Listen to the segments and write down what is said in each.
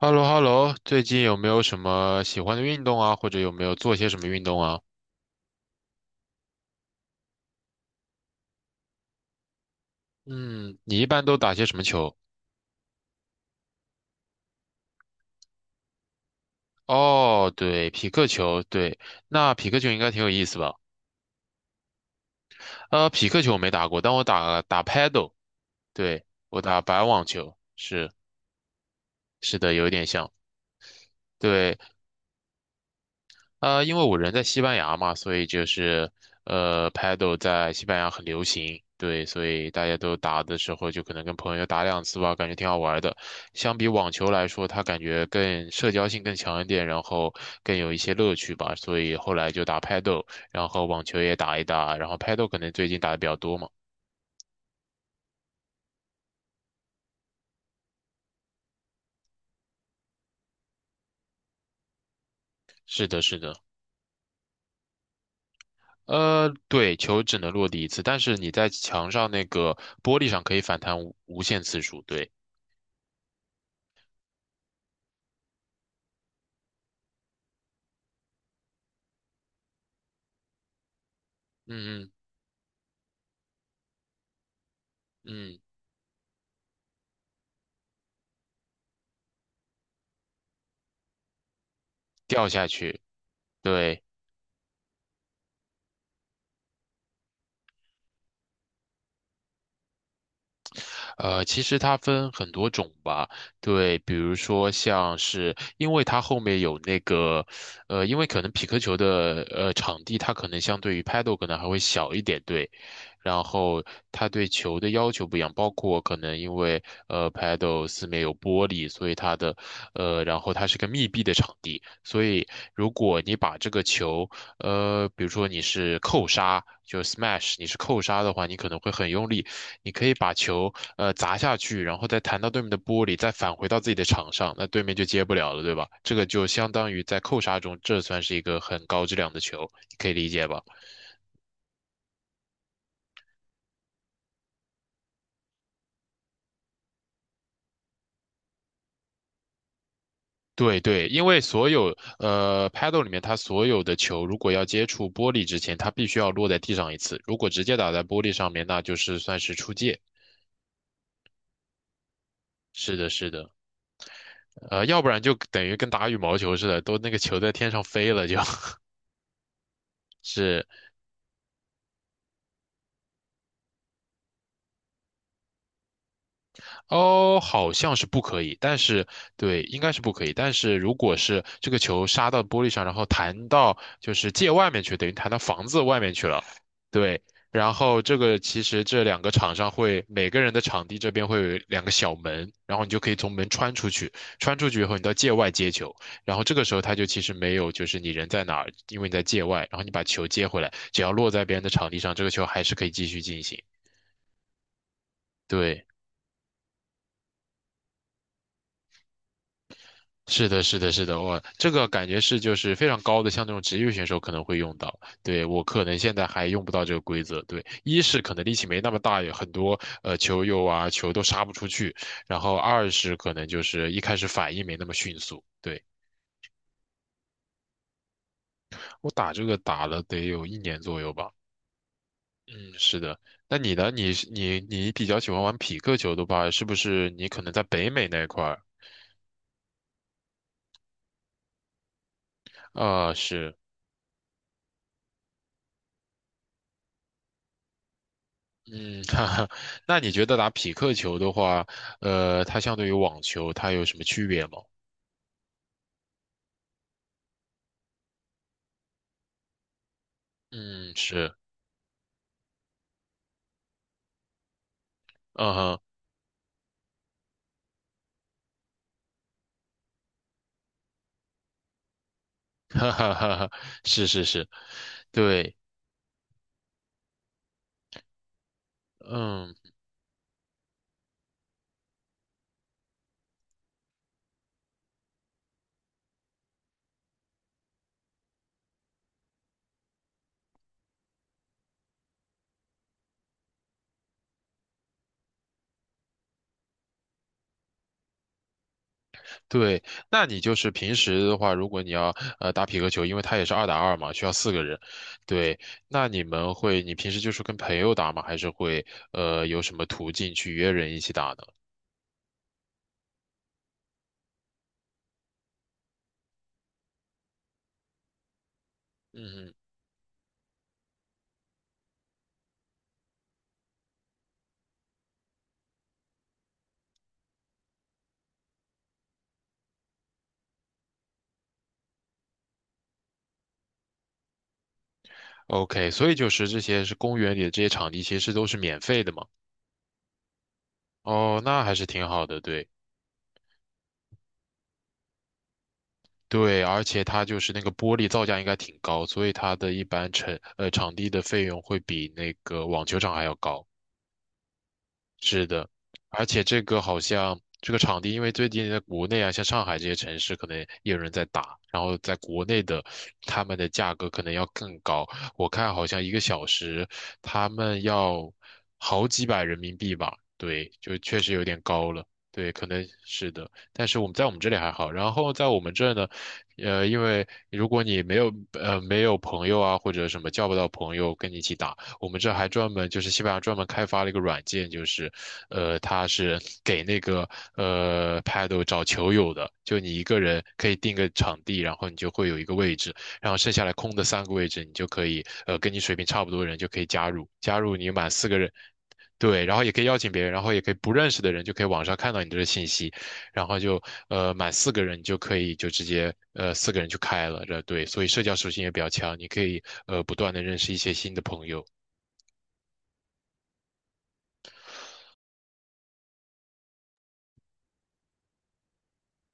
h e l l o h e l l o 最近有没有什么喜欢的运动啊？或者有没有做些什么运动啊？嗯，你一般都打些什么球？哦，对，匹克球，对，那匹克球应该挺有意思吧？匹克球我没打过，但我打打 paddle，对，我打白网球，是。是的，有一点像。对，因为我人在西班牙嘛，所以就是Paddle 在西班牙很流行，对，所以大家都打的时候就可能跟朋友打两次吧，感觉挺好玩的。相比网球来说，它感觉更社交性更强一点，然后更有一些乐趣吧，所以后来就打 Paddle，然后网球也打一打，然后 Paddle 可能最近打的比较多嘛。是的，是的。对，球只能落地一次，但是你在墙上那个玻璃上可以反弹无限次数，对，嗯嗯嗯。掉下去。对，其实它分很多种吧，对，比如说像是，因为它后面有那个，因为可能匹克球的场地它可能相对于 Paddle 可能还会小一点，对，然后它对球的要求不一样，包括可能因为Paddle 四面有玻璃，所以它的然后它是个密闭的场地，所以如果你把这个球比如说你是扣杀，就是 smash，你是扣杀的话，你可能会很用力，你可以把球砸下去，然后再弹到对面的玻璃，再返回到自己的场上，那对面就接不了了，对吧？这个就相当于在扣杀中，这算是一个很高质量的球，你可以理解吧？对对，因为所有paddle 里面，它所有的球如果要接触玻璃之前，它必须要落在地上一次。如果直接打在玻璃上面，那就是算是出界。是的，是的，要不然就等于跟打羽毛球似的，都那个球在天上飞了就。是。哦，好像是不可以，但是对，应该是不可以。但是如果是这个球杀到玻璃上，然后弹到就是界外面去，等于弹到房子外面去了，对。然后这个其实这两个场上会每个人的场地这边会有两个小门，然后你就可以从门穿出去，穿出去以后你到界外接球，然后这个时候他就其实没有就是你人在哪儿，因为你在界外，然后你把球接回来，只要落在别人的场地上，这个球还是可以继续进行。对。是的，是的，是的，我这个感觉是就是非常高的，像那种职业选手可能会用到。对，我可能现在还用不到这个规则。对，一是可能力气没那么大，有很多球友啊，球都杀不出去，然后二是可能就是一开始反应没那么迅速。对，我打这个打了得有一年左右吧。嗯，是的。那你呢？你是你你比较喜欢玩匹克球的话，是不是你可能在北美那一块儿？啊、是。嗯，哈哈，那你觉得打匹克球的话，它相对于网球，它有什么区别吗？嗯，是，嗯哼，哈哈哈哈，是是是，对，嗯对，那你就是平时的话，如果你要打匹克球，因为它也是二打二嘛，需要四个人，对，那你们会，你平时就是跟朋友打吗？还是会有什么途径去约人一起打呢？嗯嗯，OK，所以就是这些是公园里的这些场地，其实都是免费的嘛。哦，那还是挺好的，对对，而且它就是那个玻璃造价应该挺高，所以它的一般场地的费用会比那个网球场还要高。是的，而且这个好像这个场地，因为最近在国内啊，像上海这些城市，可能也有人在打，然后在国内的他们的价格可能要更高。我看好像一个小时他们要好几百人民币吧，对，就确实有点高了。对，可能是的，但是我们在我们这里还好，然后在我们这呢，因为如果你没有没有朋友啊，或者什么叫不到朋友跟你一起打，我们这还专门就是西班牙专门开发了一个软件，就是它是给那个Paddle 找球友的，就你一个人可以定个场地，然后你就会有一个位置，然后剩下来空的三个位置，你就可以跟你水平差不多的人就可以加入，加入你满四个人。对，然后也可以邀请别人，然后也可以不认识的人就可以网上看到你这个信息，然后就满四个人你就可以就直接四个人就开了，这对，所以社交属性也比较强，你可以不断的认识一些新的朋友。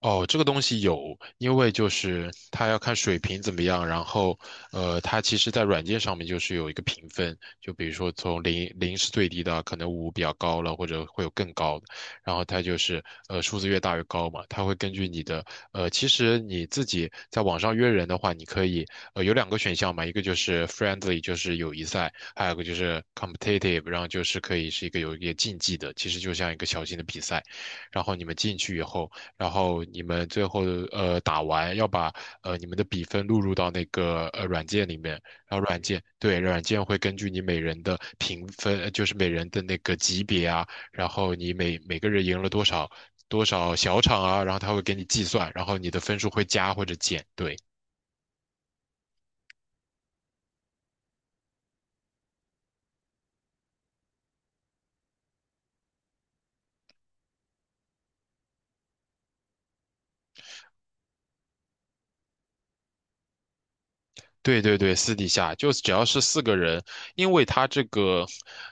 哦，这个东西有，因为就是它要看水平怎么样，然后，它其实在软件上面就是有一个评分，就比如说从零是最低的，可能五比较高了，或者会有更高的，然后它就是数字越大越高嘛，它会根据你的其实你自己在网上约人的话，你可以有两个选项嘛，一个就是 friendly，就是友谊赛，还有一个就是 competitive，然后就是可以是一个有一个竞技的，其实就像一个小型的比赛，然后你们进去以后。然后你们最后打完要把你们的比分录入到那个软件里面，然后软件，对，软件会根据你每人的评分，就是每人的那个级别啊，然后你每个人赢了多少多少小场啊，然后他会给你计算，然后你的分数会加或者减，对。对对对，私底下就是只要是四个人，因为他这个，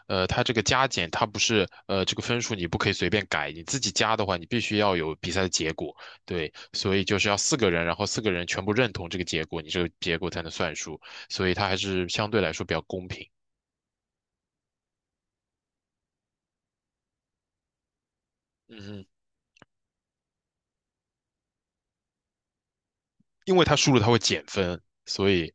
他这个加减，他不是这个分数你不可以随便改，你自己加的话，你必须要有比赛的结果，对，所以就是要四个人，然后四个人全部认同这个结果，你这个结果才能算数，所以他还是相对来说比较公平。嗯嗯，因为他输了他会减分，所以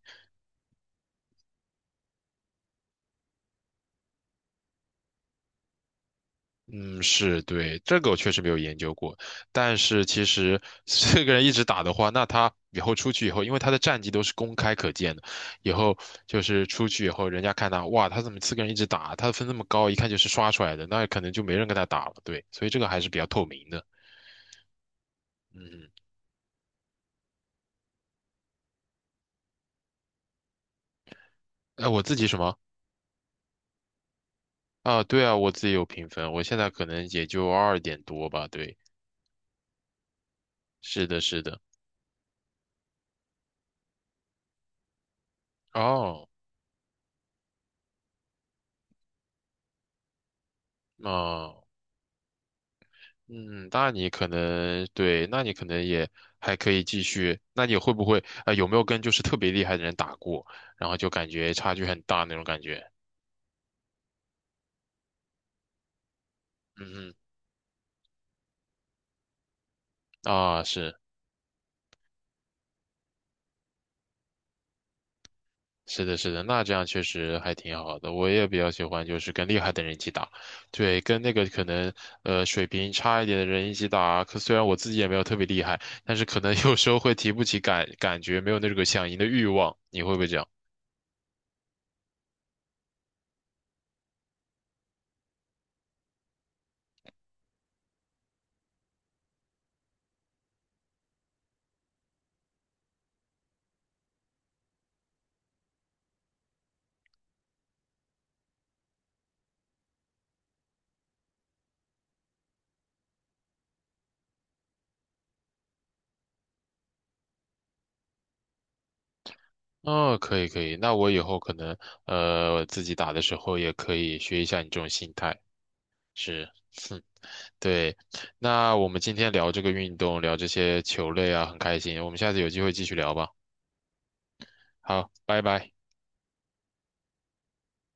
嗯，是对，这个我确实没有研究过，但是其实四 个人一直打的话，那他以后出去以后，因为他的战绩都是公开可见的，以后就是出去以后，人家看他，哇，他怎么四个人一直打，他的分那么高，一看就是刷出来的，那可能就没人跟他打了，对，所以这个还是比较透明的。嗯，哎，我自己什么啊？对啊，我自己有评分，我现在可能也就二点多吧，对，是的，是的，哦，哦。嗯，那你可能对，那你可能也还可以继续。那你会不会有没有跟就是特别厉害的人打过，然后就感觉差距很大那种感觉？嗯嗯，啊，是。是的，是的，那这样确实还挺好的。我也比较喜欢就是跟厉害的人一起打，对，跟那个可能水平差一点的人一起打。可虽然我自己也没有特别厉害，但是可能有时候会提不起感觉，没有那个想赢的欲望。你会不会这样？哦，可以可以，那我以后可能自己打的时候也可以学一下你这种心态，是，哼，对。那我们今天聊这个运动，聊这些球类啊，很开心，我们下次有机会继续聊吧。好，拜拜。